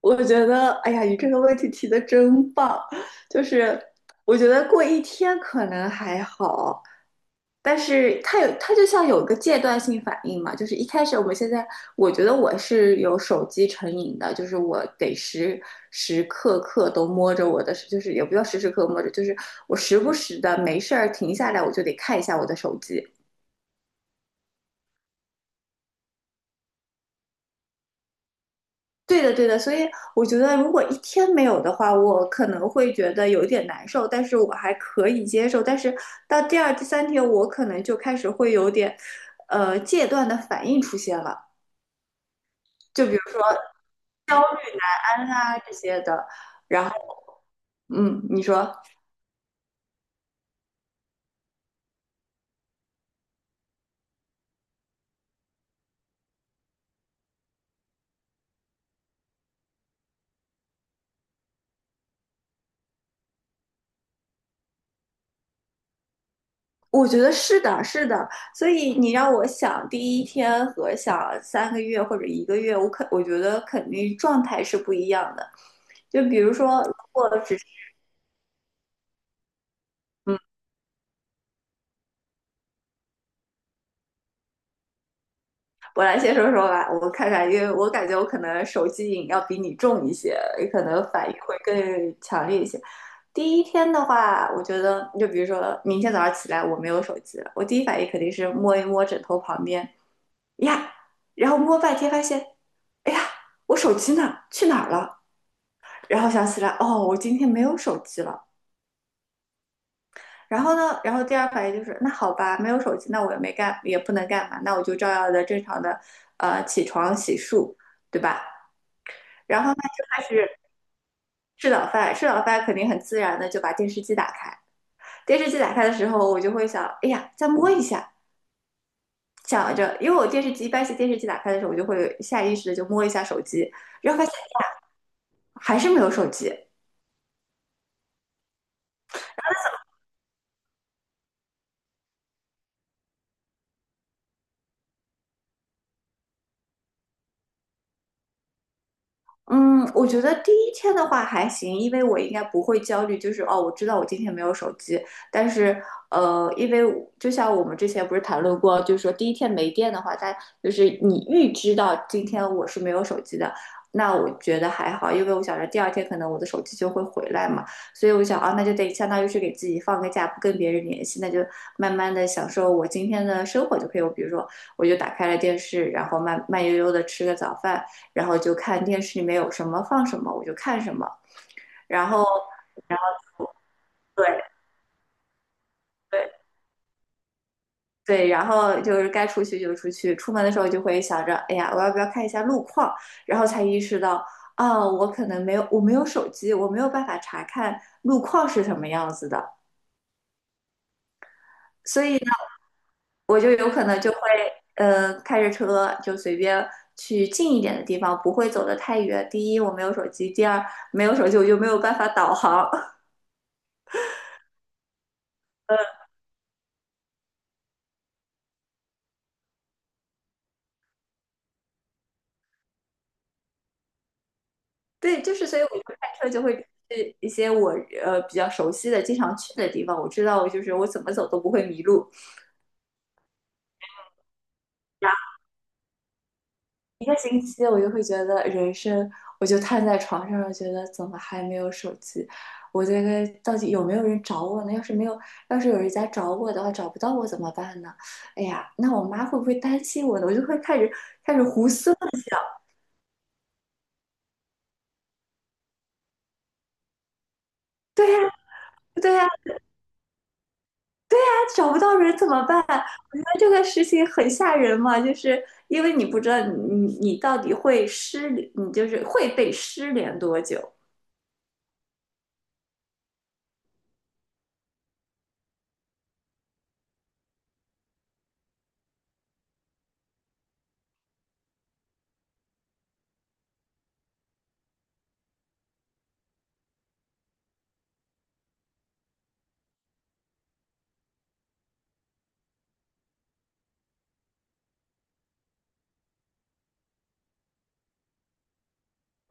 我觉得，哎呀，你这个问题提的真棒。就是我觉得过一天可能还好，但是它有，它就像有个阶段性反应嘛。就是一开始，我们现在，我觉得我是有手机成瘾的，就是我得时时刻刻都摸着我的，就是也不要时时刻刻摸着，就是我时不时的没事儿停下来，我就得看一下我的手机。对的，对的，所以我觉得如果一天没有的话，我可能会觉得有一点难受，但是我还可以接受。但是到第二、第三天，我可能就开始会有点，戒断的反应出现了，就比如说安啊这些的。然后，嗯，你说，我觉得是的，是的。所以你让我想第一天和想三个月或者一个月，我觉得肯定状态是不一样的。就比如说，如果只是嗯。我来先说说吧，我看看，因为我感觉我可能手机瘾要比你重一些，也可能反应会更强烈一些。第一天的话，我觉得就比如说明天早上起来我没有手机了，我第一反应肯定是摸一摸枕头旁边呀，然后摸半天发现，哎呀，我手机呢？去哪儿了？然后想起来，哦，我今天没有手机了。然后呢，然后第二反应就是，那好吧，没有手机，那我也没干，也不能干嘛，那我就照样的正常的，起床洗漱，对吧？然后呢就开始吃早饭，吃早饭肯定很自然的就把电视机打开。电视机打开的时候，我就会想，哎呀，再摸一下，想着，因为我电视机一般是电视机打开的时候，我就会下意识的就摸一下手机，然后发现还是没有手机，嗯，我觉得第一天的话还行，因为我应该不会焦虑，就是哦，我知道我今天没有手机，但是因为我就像我们之前不是谈论过，就是说第一天没电的话，它就是你预知到今天我是没有手机的，那我觉得还好，因为我想着第二天可能我的手机就会回来嘛，所以我想啊，那就得相当于是给自己放个假，不跟别人联系，那就慢慢的享受我今天的生活就可以了。我比如说，我就打开了电视，然后慢慢悠悠的吃个早饭。然后就看电视里面有什么放什么，我就看什么，然后，然后对对对，然后就是该出去就出去，出门的时候就会想着，哎呀，我要不要看一下路况，然后才意识到。啊，我可能没有，我没有手机，我没有办法查看路况是什么样子的，所以呢，我就有可能就会，开着车就随便去近一点的地方，不会走得太远。第一，我没有手机；第二，没有手机我就没有办法导航。对，就是所以我就开车就会去一些我比较熟悉的、经常去的地方，我知道就是我怎么走都不会迷路。然后一个星期，我就会觉得人生，我就瘫在床上，觉得怎么还没有手机？我这个到底有没有人找我呢？要是没有，要是有人家找我的话，找不到我怎么办呢？哎呀，那我妈会不会担心我呢？我就会开始胡思乱想。对呀、对呀、找不到人怎么办？我觉得这个事情很吓人嘛，就是因为你不知道你到底你就是会被失联多久。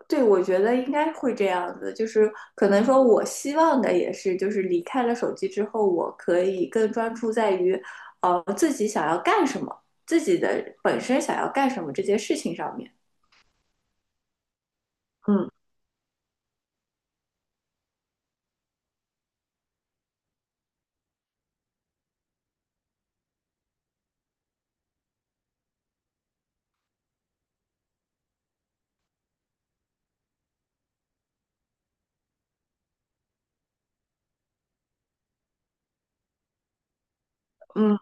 对，我觉得应该会这样子，就是可能说，我希望的也是，就是离开了手机之后，我可以更专注在于，自己想要干什么，自己的本身想要干什么这件事情上面。嗯嗯，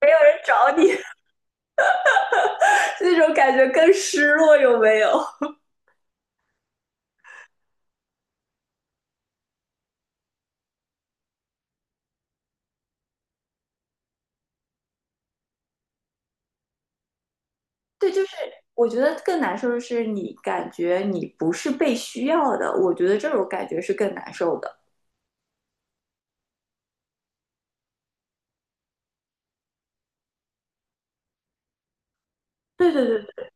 没有人找你，那种感觉更失落，有没有？对，就是我觉得更难受的是，你感觉你不是被需要的，我觉得这种感觉是更难受的。对对对，对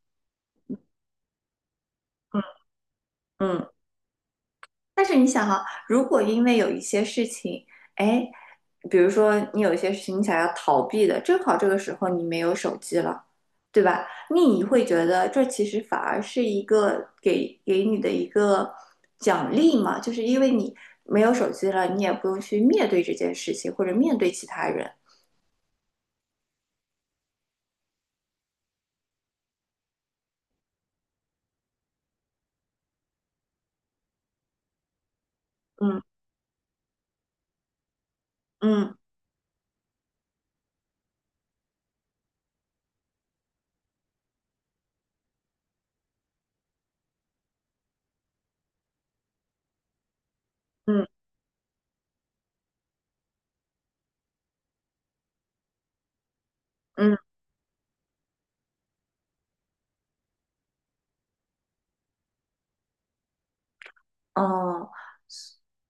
嗯。嗯。但是你想哈、如果因为有一些事情，哎，比如说你有一些事情你想要逃避的，正好这个时候你没有手机了，对吧？你会觉得这其实反而是一个给你的一个奖励嘛，就是因为你没有手机了，你也不用去面对这件事情或者面对其他人。嗯嗯。嗯嗯，哦，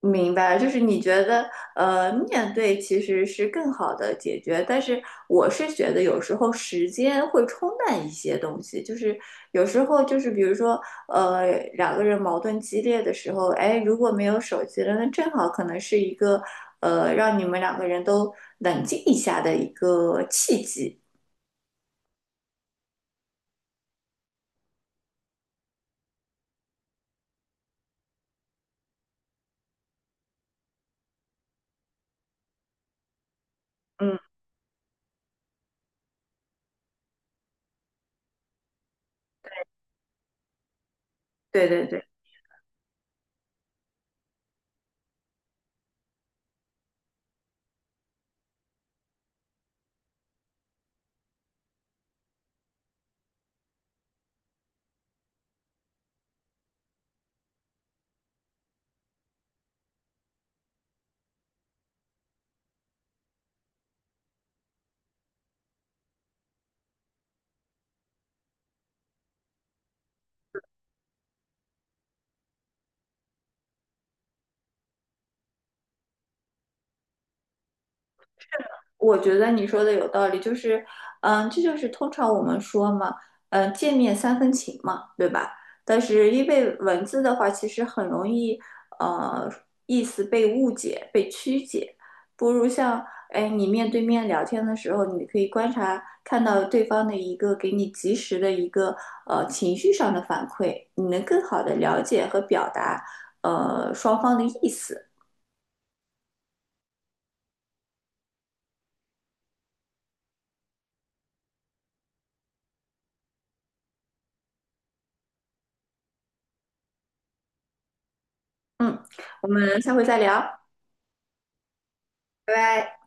明白了，就是你觉得，面对其实是更好的解决，但是我是觉得有时候时间会冲淡一些东西，就是有时候就是比如说，呃，两个人矛盾激烈的时候，哎，如果没有手机了，那正好可能是一个，让你们两个人都冷静一下的一个契机。嗯，对对对。我觉得你说的有道理，就是，嗯，这就是通常我们说嘛，嗯，见面三分情嘛，对吧？但是因为文字的话，其实很容易，呃，意思被误解、被曲解，不如像，哎，你面对面聊天的时候，你可以观察，看到对方的一个给你及时的一个，情绪上的反馈，你能更好的了解和表达，双方的意思。嗯，我们下回再聊，拜拜。